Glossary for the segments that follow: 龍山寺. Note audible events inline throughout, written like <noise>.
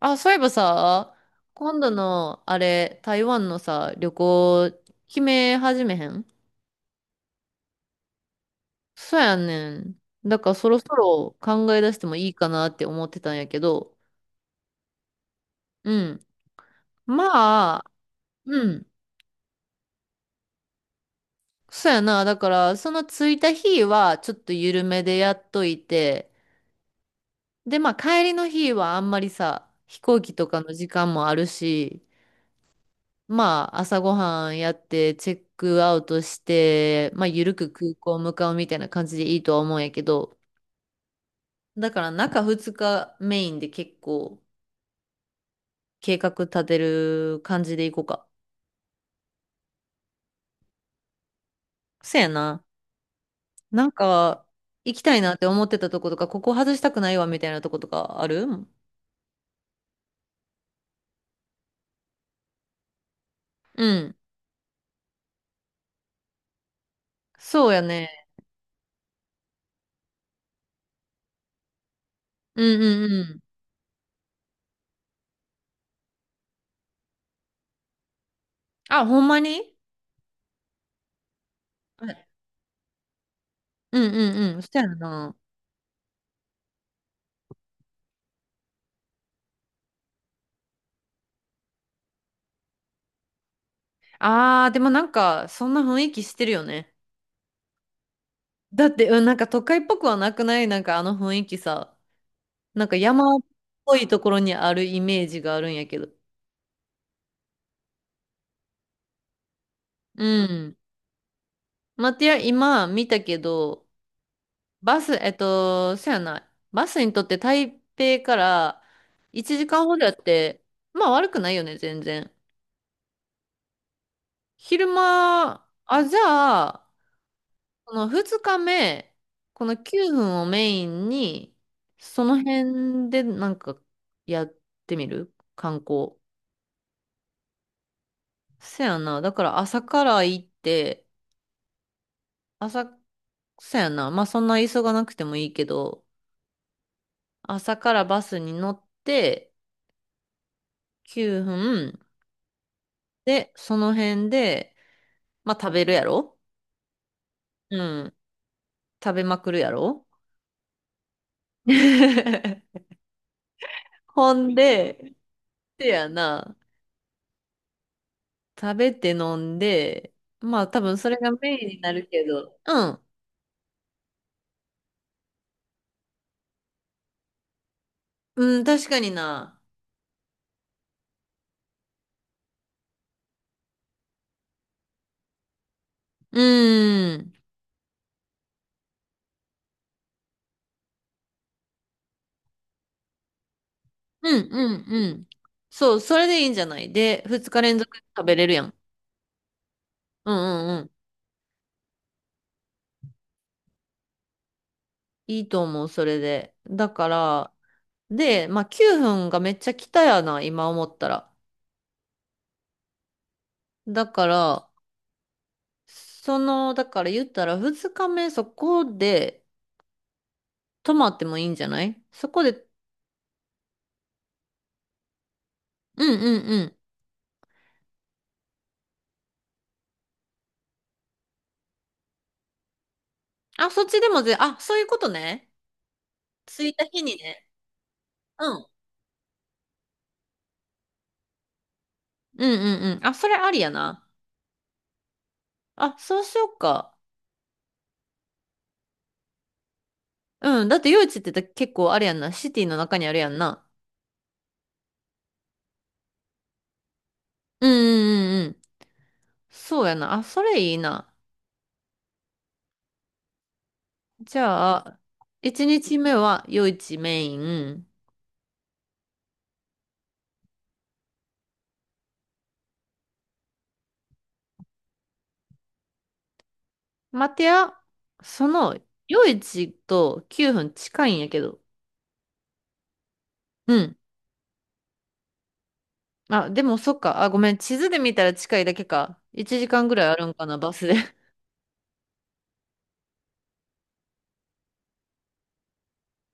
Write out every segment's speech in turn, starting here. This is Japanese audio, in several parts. あ、そういえばさ、今度の、あれ、台湾のさ、旅行、決め始めへん？そうやねん。だからそろそろ考え出してもいいかなって思ってたんやけど、うん。まあ、うん。そうやな。だから、その着いた日は、ちょっと緩めでやっといて、で、まあ、帰りの日はあんまりさ、飛行機とかの時間もあるし、まあ、朝ごはんやって、チェックアウトして、まあ、ゆるく空港向かうみたいな感じでいいとは思うんやけど、だから中2日メインで結構計画立てる感じでいこうか。そやな。なんか、行きたいなって思ってたとことか、ここ外したくないわみたいなとことかある？うん。そうやね。うんうんうん。あ、ほんまに？はい。うんうんうん。そしたやな。あー、でもなんか、そんな雰囲気してるよね。だって、うん、なんか都会っぽくはなくないなんかあの雰囲気さ。なんか山っぽいところにあるイメージがあるんやけど。うん。まあ、てや、今見たけど、バス、そやな。バスにとって台北から1時間ほどやって、まあ悪くないよね、全然。昼間、あ、じゃあ、この2日目、この9分をメインに、その辺でなんかやってみる観光。そやな。だから朝から行って、朝、そやな。まあそんな急がなくてもいいけど、朝からバスに乗って9分で、その辺で、まあ食べるやろ？うん。食べまくるやろ？ <laughs> ほんで、<laughs> せやな。食べて飲んで、まあ多分それがメインになるけど、うん。うん、確かにな。うん。うんうんうん。そう、それでいいんじゃない？で、2日連続食べれるやん。うんうんうん。いいと思う、それで。だから、で、まあ9分がめっちゃ来たやな、今思ったら。だから、その、だから言ったら2日目そこで泊まってもいいんじゃない？そこで、うんうんうん。あ、そっちでもあ、そういうことね。着いた日にね。うん。うんうんうん。あ、それありやな。あ、そうしようか。うん。だって夜市って結構あれやんな。シティの中にあるやんな。うんうんうんうん。そうやな。あ、それいいな。じゃあ、1日目は夜市メイン。待てや、その夜市と9分近いんやけど。うん。あ、でもそっか。あ、ごめん。地図で見たら近いだけか。1時間ぐらいあるんかな、バスで。<laughs>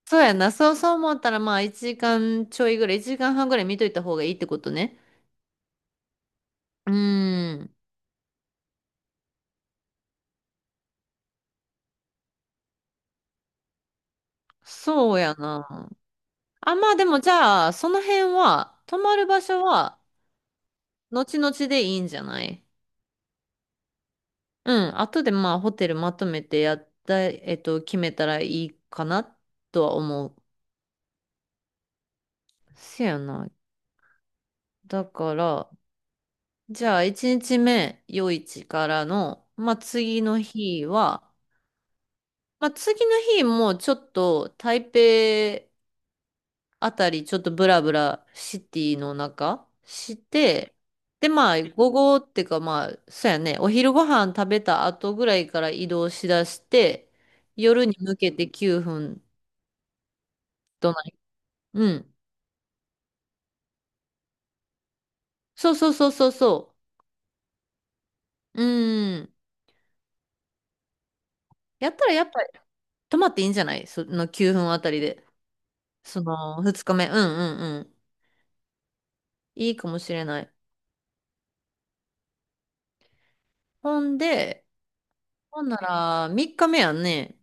そうやな。そうそう思ったら、まあ1時間ちょいぐらい、1時間半ぐらい見といた方がいいってことね。うーん。そうやな。あ、まあでもじゃあ、その辺は、泊まる場所は、後々でいいんじゃない？うん。後でまあ、ホテルまとめてやった、決めたらいいかな、とは思う。せやな。だから、じゃあ、1日目、夜市からの、まあ、次の日は、まあ、次の日もちょっと、台北あたりちょっとブラブラシティの中して、で、まあ、午後っていうかまあ、そうやね、お昼ご飯食べた後ぐらいから移動しだして、夜に向けて9分とない。うん。そうそうそうそうそう。うん。やったらやっぱり泊まっていいんじゃない？その9分あたりで。その2日目。うんうんうん。いいかもしれない。ほんで、ほんなら3日目やんね。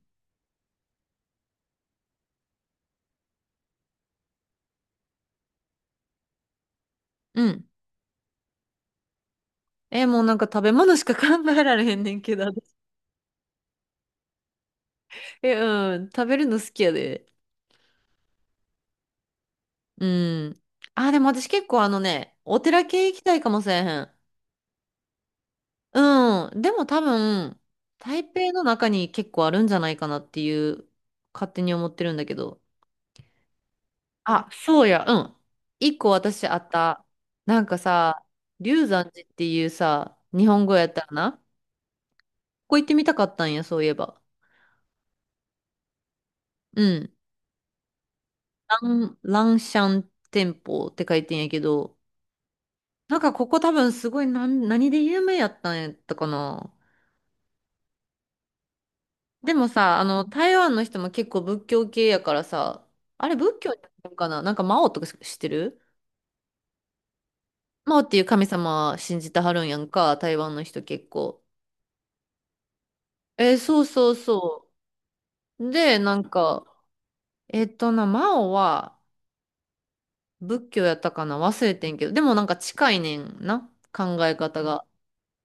うん。え、もうなんか食べ物しか考えられへんねんけど。え、うん。食べるの好きやで。うん。あ、でも私結構あのね、お寺系行きたいかもしれへん。うん。でも多分、台北の中に結構あるんじゃないかなっていう、勝手に思ってるんだけど。あ、そうや。うん。1個私あった。なんかさ、龍山寺っていうさ、日本語やったらな。ここ行ってみたかったんや、そういえば。うん。ランシャン店舗って書いてんやけど、なんかここ多分すごい何で有名やったんやったかな。でもさ、あの、台湾の人も結構仏教系やからさ、あれ仏教やったんかななんか魔王とか知ってる？魔王っていう神様信じてはるんやんか、台湾の人結構。そうそうそう。で、なんか、えっとな、魔王は仏教やったかな忘れてんけど、でもなんか近いねんな、考え方が。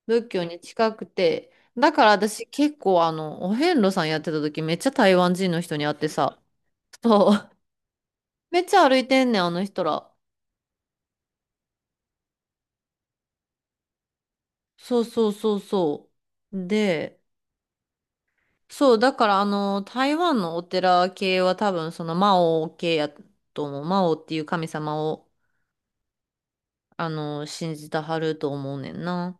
仏教に近くて。だから私結構あの、お遍路さんやってた時めっちゃ台湾人の人に会ってさ。そう。<laughs> めっちゃ歩いてんねん、あの人ら。そうそうそうそう。で、そう、だからあの、台湾のお寺系は多分そのマオ系やと思う。マオっていう神様を、あの、信じたはると思うねんな。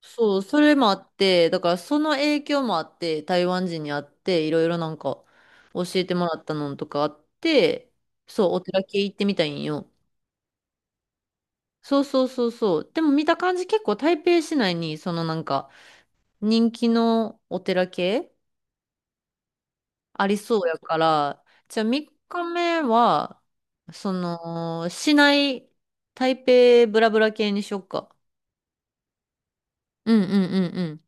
そう、それもあって、だからその影響もあって、台湾人に会って、いろいろなんか教えてもらったのとかあって、そう、お寺系行ってみたいんよ。そうそうそうそう。でも見た感じ結構台北市内に、そのなんか人気のお寺系ありそうやから、じゃあ3日目は、その、市内、台北ブラブラ系にしよっか。うんうんうんうん。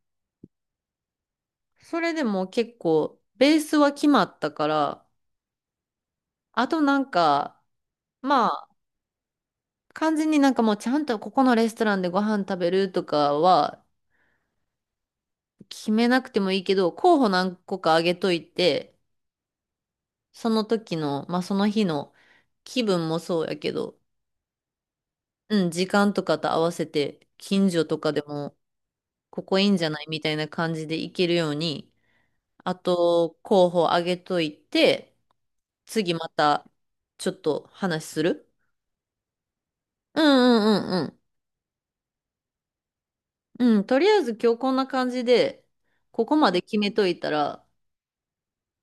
それでも結構、ベースは決まったから、あとなんか、まあ、完全になんかもうちゃんとここのレストランでご飯食べるとかは決めなくてもいいけど、候補何個かあげといて、その時の、まあその日の気分もそうやけど、うん、時間とかと合わせて、近所とかでも、ここいいんじゃないみたいな感じで行けるように、あと、候補あげといて、次また、ちょっと話する？うんうんうんうん、とりあえず今日こんな感じで、ここまで決めといたら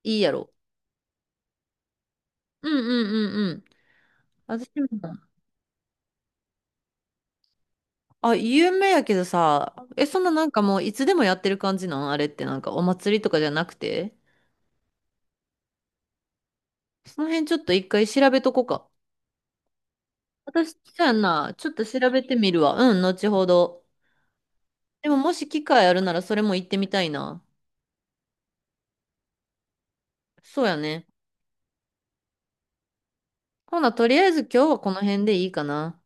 いいやろ。うんうんうんうん。私も、あ、有名やけどさ、え、そんななんかもういつでもやってる感じなん？あれってなんかお祭りとかじゃなくて？その辺ちょっと一回調べとこうか。私、そうやんな。ちょっと調べてみるわ。うん、後ほど。でももし機会あるならそれも行ってみたいな。そうやね。ほな、とりあえず今日はこの辺でいいかな。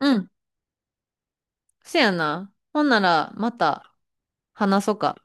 うん、せやな。ほんならまた話そうか。